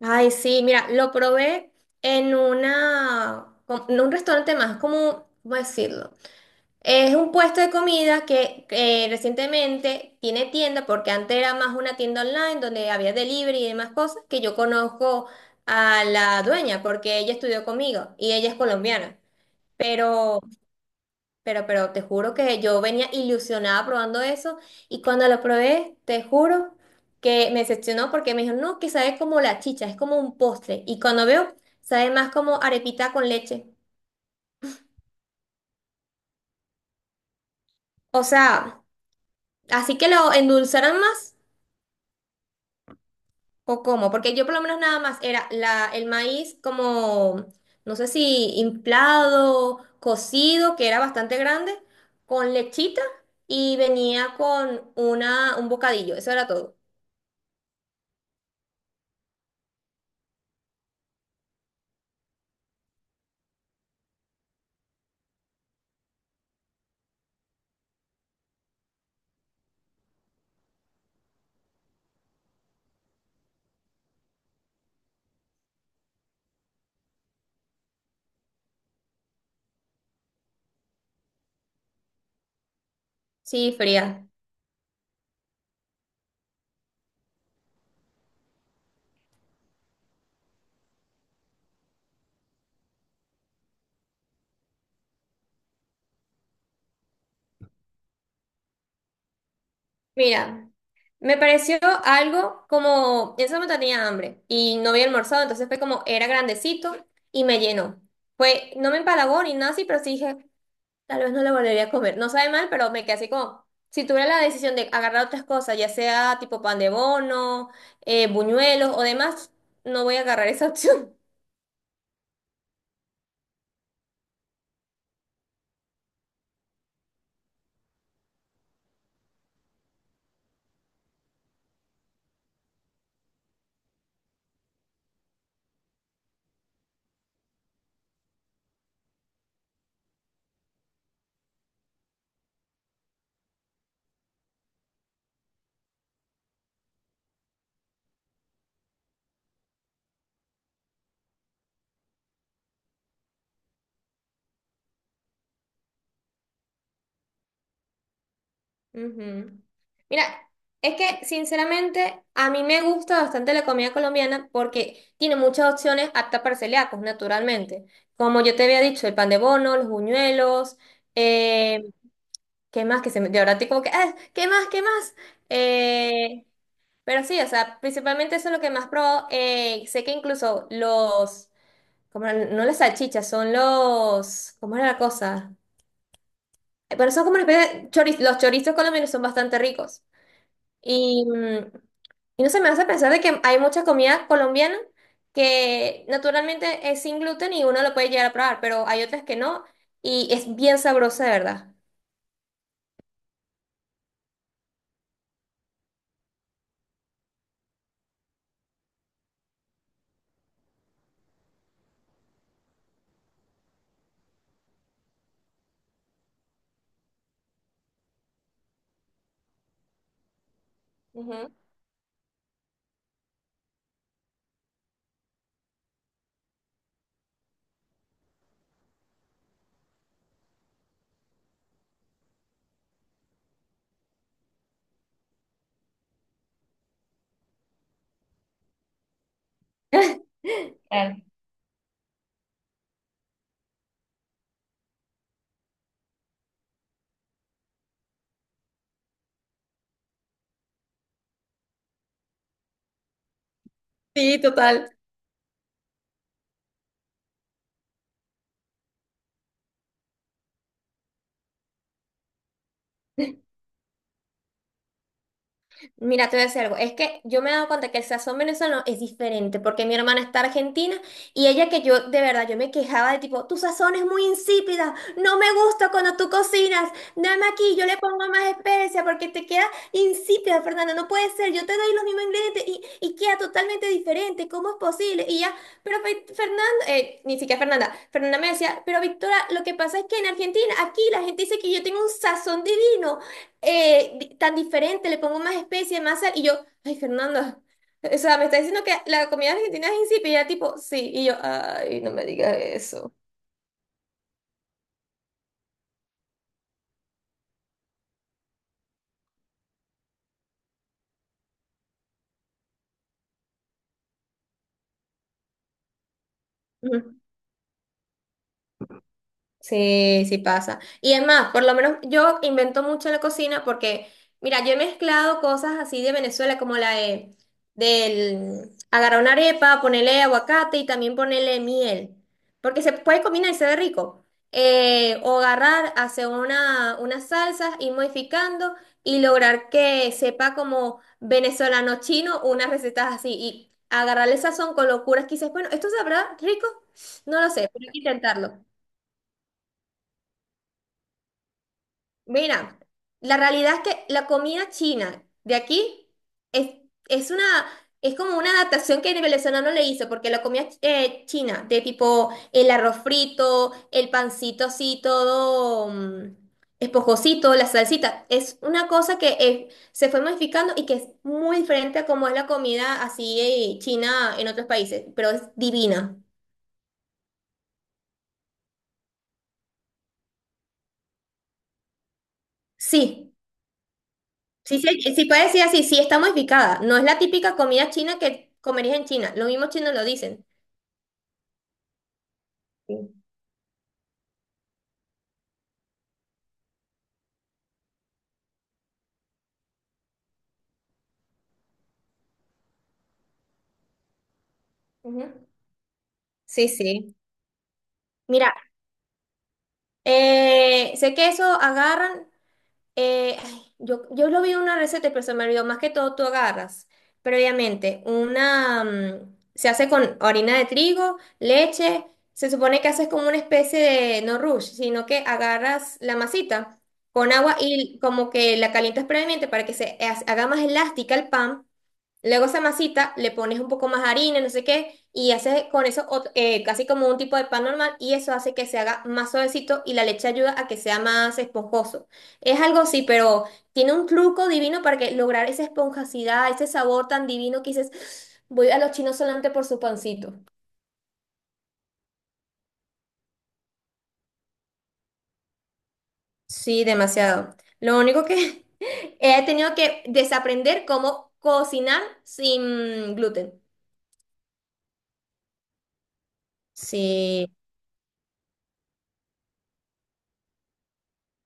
Ay, sí, mira, lo probé en una, com- en un restaurante más, como, ¿cómo decirlo? Es un puesto de comida que recientemente tiene tienda, porque antes era más una tienda online donde había delivery y demás cosas, que yo conozco a la dueña, porque ella estudió conmigo y ella es colombiana. pero pero te juro que yo venía ilusionada probando eso y cuando lo probé, te juro que me decepcionó porque me dijo, no, que sabe como la chicha, es como un postre. Y cuando veo, sabe más como arepita con leche. O sea, así que lo endulzaran más o cómo, porque yo por lo menos nada más era la, el maíz como, no sé si inflado, cocido, que era bastante grande, con lechita y venía con una, un bocadillo, eso era todo. Sí, fría. Mira, me pareció algo como, en ese momento tenía hambre y no había almorzado, entonces fue como, era grandecito y me llenó. Fue, no me empalagó ni nada así, pero sí dije, tal vez no lo volvería a comer. No sabe mal, pero me quedé así como, si tuviera la decisión de agarrar otras cosas, ya sea tipo pan de bono, buñuelos o demás, no voy a agarrar esa opción. Ujú. Mira, es que sinceramente a mí me gusta bastante la comida colombiana porque tiene muchas opciones aptas para celíacos, naturalmente. Como yo te había dicho, el pan de bono, los buñuelos, eh, ¿qué más? Que se me, de ahora estoy como que, "Ah, ¿qué más? ¿Qué más? Eh, pero sí, o sea, principalmente eso es lo que más probó. Sé que incluso los, como no las salchichas, son los, ¿cómo era la cosa? Pero son como una especie de choriz- los chorizos colombianos son bastante ricos. Y, mm, y no se me hace pensar de que hay mucha comida colombiana que naturalmente es sin gluten y uno lo puede llegar a probar, pero hay otras que no y es bien sabrosa, de verdad. Ujú. Claro. Sí, total. Mira, te voy a decir algo. Es que yo me he dado cuenta que el sazón venezolano es diferente, porque mi hermana está argentina y ella que yo, de verdad, yo me quejaba de tipo, tu sazón es muy insípida, no me gusta cuando tú cocinas, dame aquí, yo le pongo más especia porque te queda insípida, Fernanda, no puede ser, yo te doy los mismos ingredientes y queda totalmente diferente, ¿cómo es posible? Y ya, pero Fe- Fernanda, ni siquiera Fernanda, Fernanda me decía, pero Victoria, lo que pasa es que en Argentina, aquí la gente dice que yo tengo un sazón divino di- tan diferente, le pongo más especie, más sal, y yo, ay, Fernanda, o sea, me está diciendo que la comida argentina es insípida, tipo, sí, y yo, ay, no me digas eso. Sí, sí pasa. Y es más, por lo menos yo invento mucho en la cocina porque, mira, yo he mezclado cosas así de Venezuela, como la de, del agarrar una arepa, ponerle aguacate y también ponerle miel, porque se puede combinar y se ve rico. O agarrar, hacer una, unas salsas, ir modificando y lograr que sepa como venezolano chino unas recetas así y agarrarle sazón con locuras que dices, bueno, ¿esto sabrá rico? No lo sé, pero hay que intentarlo. Mira, la realidad es que la comida china de aquí es, es una, es como una adaptación que el venezolano le hizo, porque la comida china, de tipo el arroz frito, el pancito así todo mm, esponjosito, la salsita, es una cosa que se fue modificando y que es muy diferente a como es la comida así china en otros países, pero es divina. Sí. Sí, sí, sí puede decir así, sí está modificada. No es la típica comida china que comerías en China. Los mismos chinos lo dicen. Sí, ujú. Sí. Sí. Mira, sé que eso agarran. Ay, yo, yo lo vi en una receta, pero se me olvidó. Más que todo, tú agarras previamente una. Mm, se hace con harina de trigo, leche. Se supone que haces como una especie de no rush, sino que agarras la masita con agua y como que la calientas previamente para que se ha- haga más elástica el pan. Luego esa masita le pones un poco más harina, no sé qué, y haces con eso ot- casi como un tipo de pan normal y eso hace que se haga más suavecito y la leche ayuda a que sea más esponjoso. Es algo así, pero tiene un truco divino para que lograr esa esponjosidad, ese sabor tan divino que dices, "Ah, voy a los chinos solamente por su pancito. Sí, demasiado. Lo único que he tenido que desaprender cómo cocinar sin gluten. Sí.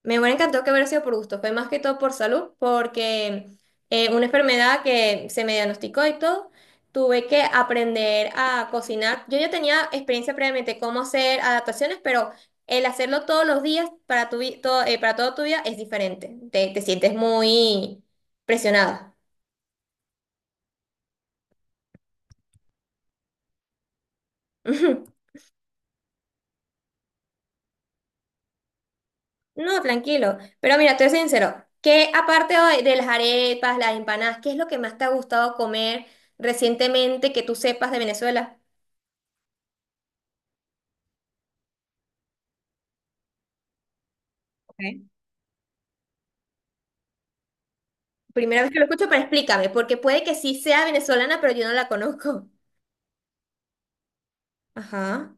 Me hubiera encantado que hubiera sido por gusto, fue más que todo por salud, porque una enfermedad que se me diagnosticó y todo, tuve que aprender a cocinar. Yo ya tenía experiencia previamente cómo hacer adaptaciones, pero el hacerlo todos los días para tu, vi- todo, para toda tu vida es diferente. Te sientes muy presionada. Ujú. No, tranquilo. Pero mira, te soy sincero, que aparte de las arepas, las empanadas, ¿qué es lo que más te ha gustado comer recientemente que tú sepas de Venezuela? Primera vez que lo escucho, pero explícame, porque puede que sí sea venezolana, pero yo no la conozco. Ajá.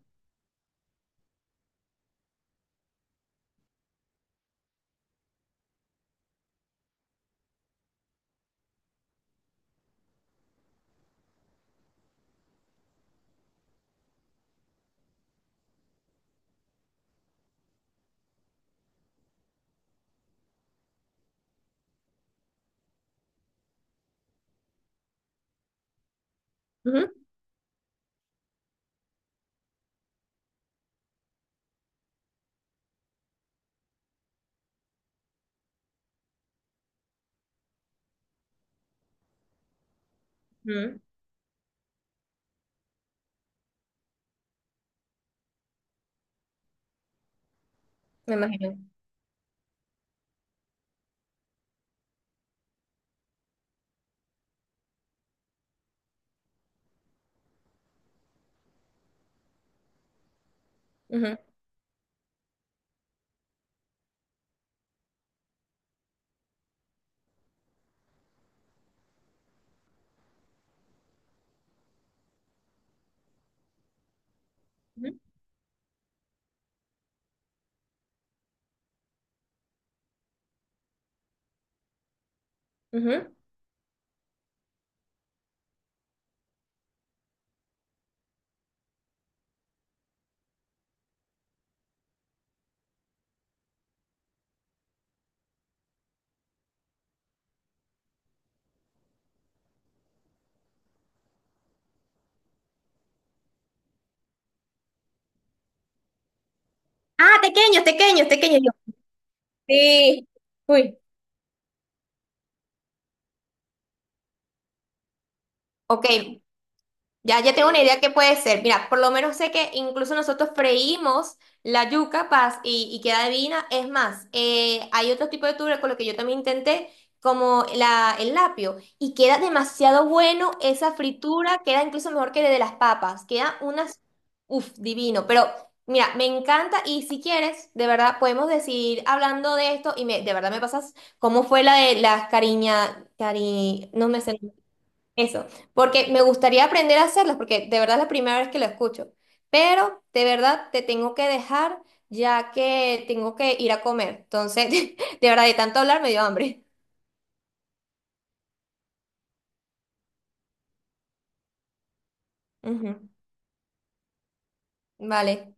Ujú, ujú. Me imagino. Ujú, ujú, ujú. Ah, tequeños, tequeños, tequeños. Yo, sí. Uy. Ok, ya, ya tengo una idea que puede ser. Mira, por lo menos sé que incluso nosotros freímos la yuca paz y queda divina. Es más, hay otro tipo de tubérculo con lo que yo también intenté, como la, el lapio, y queda demasiado bueno esa fritura, queda incluso mejor que la de las papas. Queda unas, uff, divino. Pero mira, me encanta y si quieres, de verdad, podemos decir hablando de esto y me, de verdad me pasas cómo fue la de las cariña, cari, no me sé. Eso, porque me gustaría aprender a hacerlas, porque de verdad es la primera vez que lo escucho. Pero de verdad te tengo que dejar ya que tengo que ir a comer. Entonces, de verdad, de tanto hablar me dio hambre. Ujú. Vale.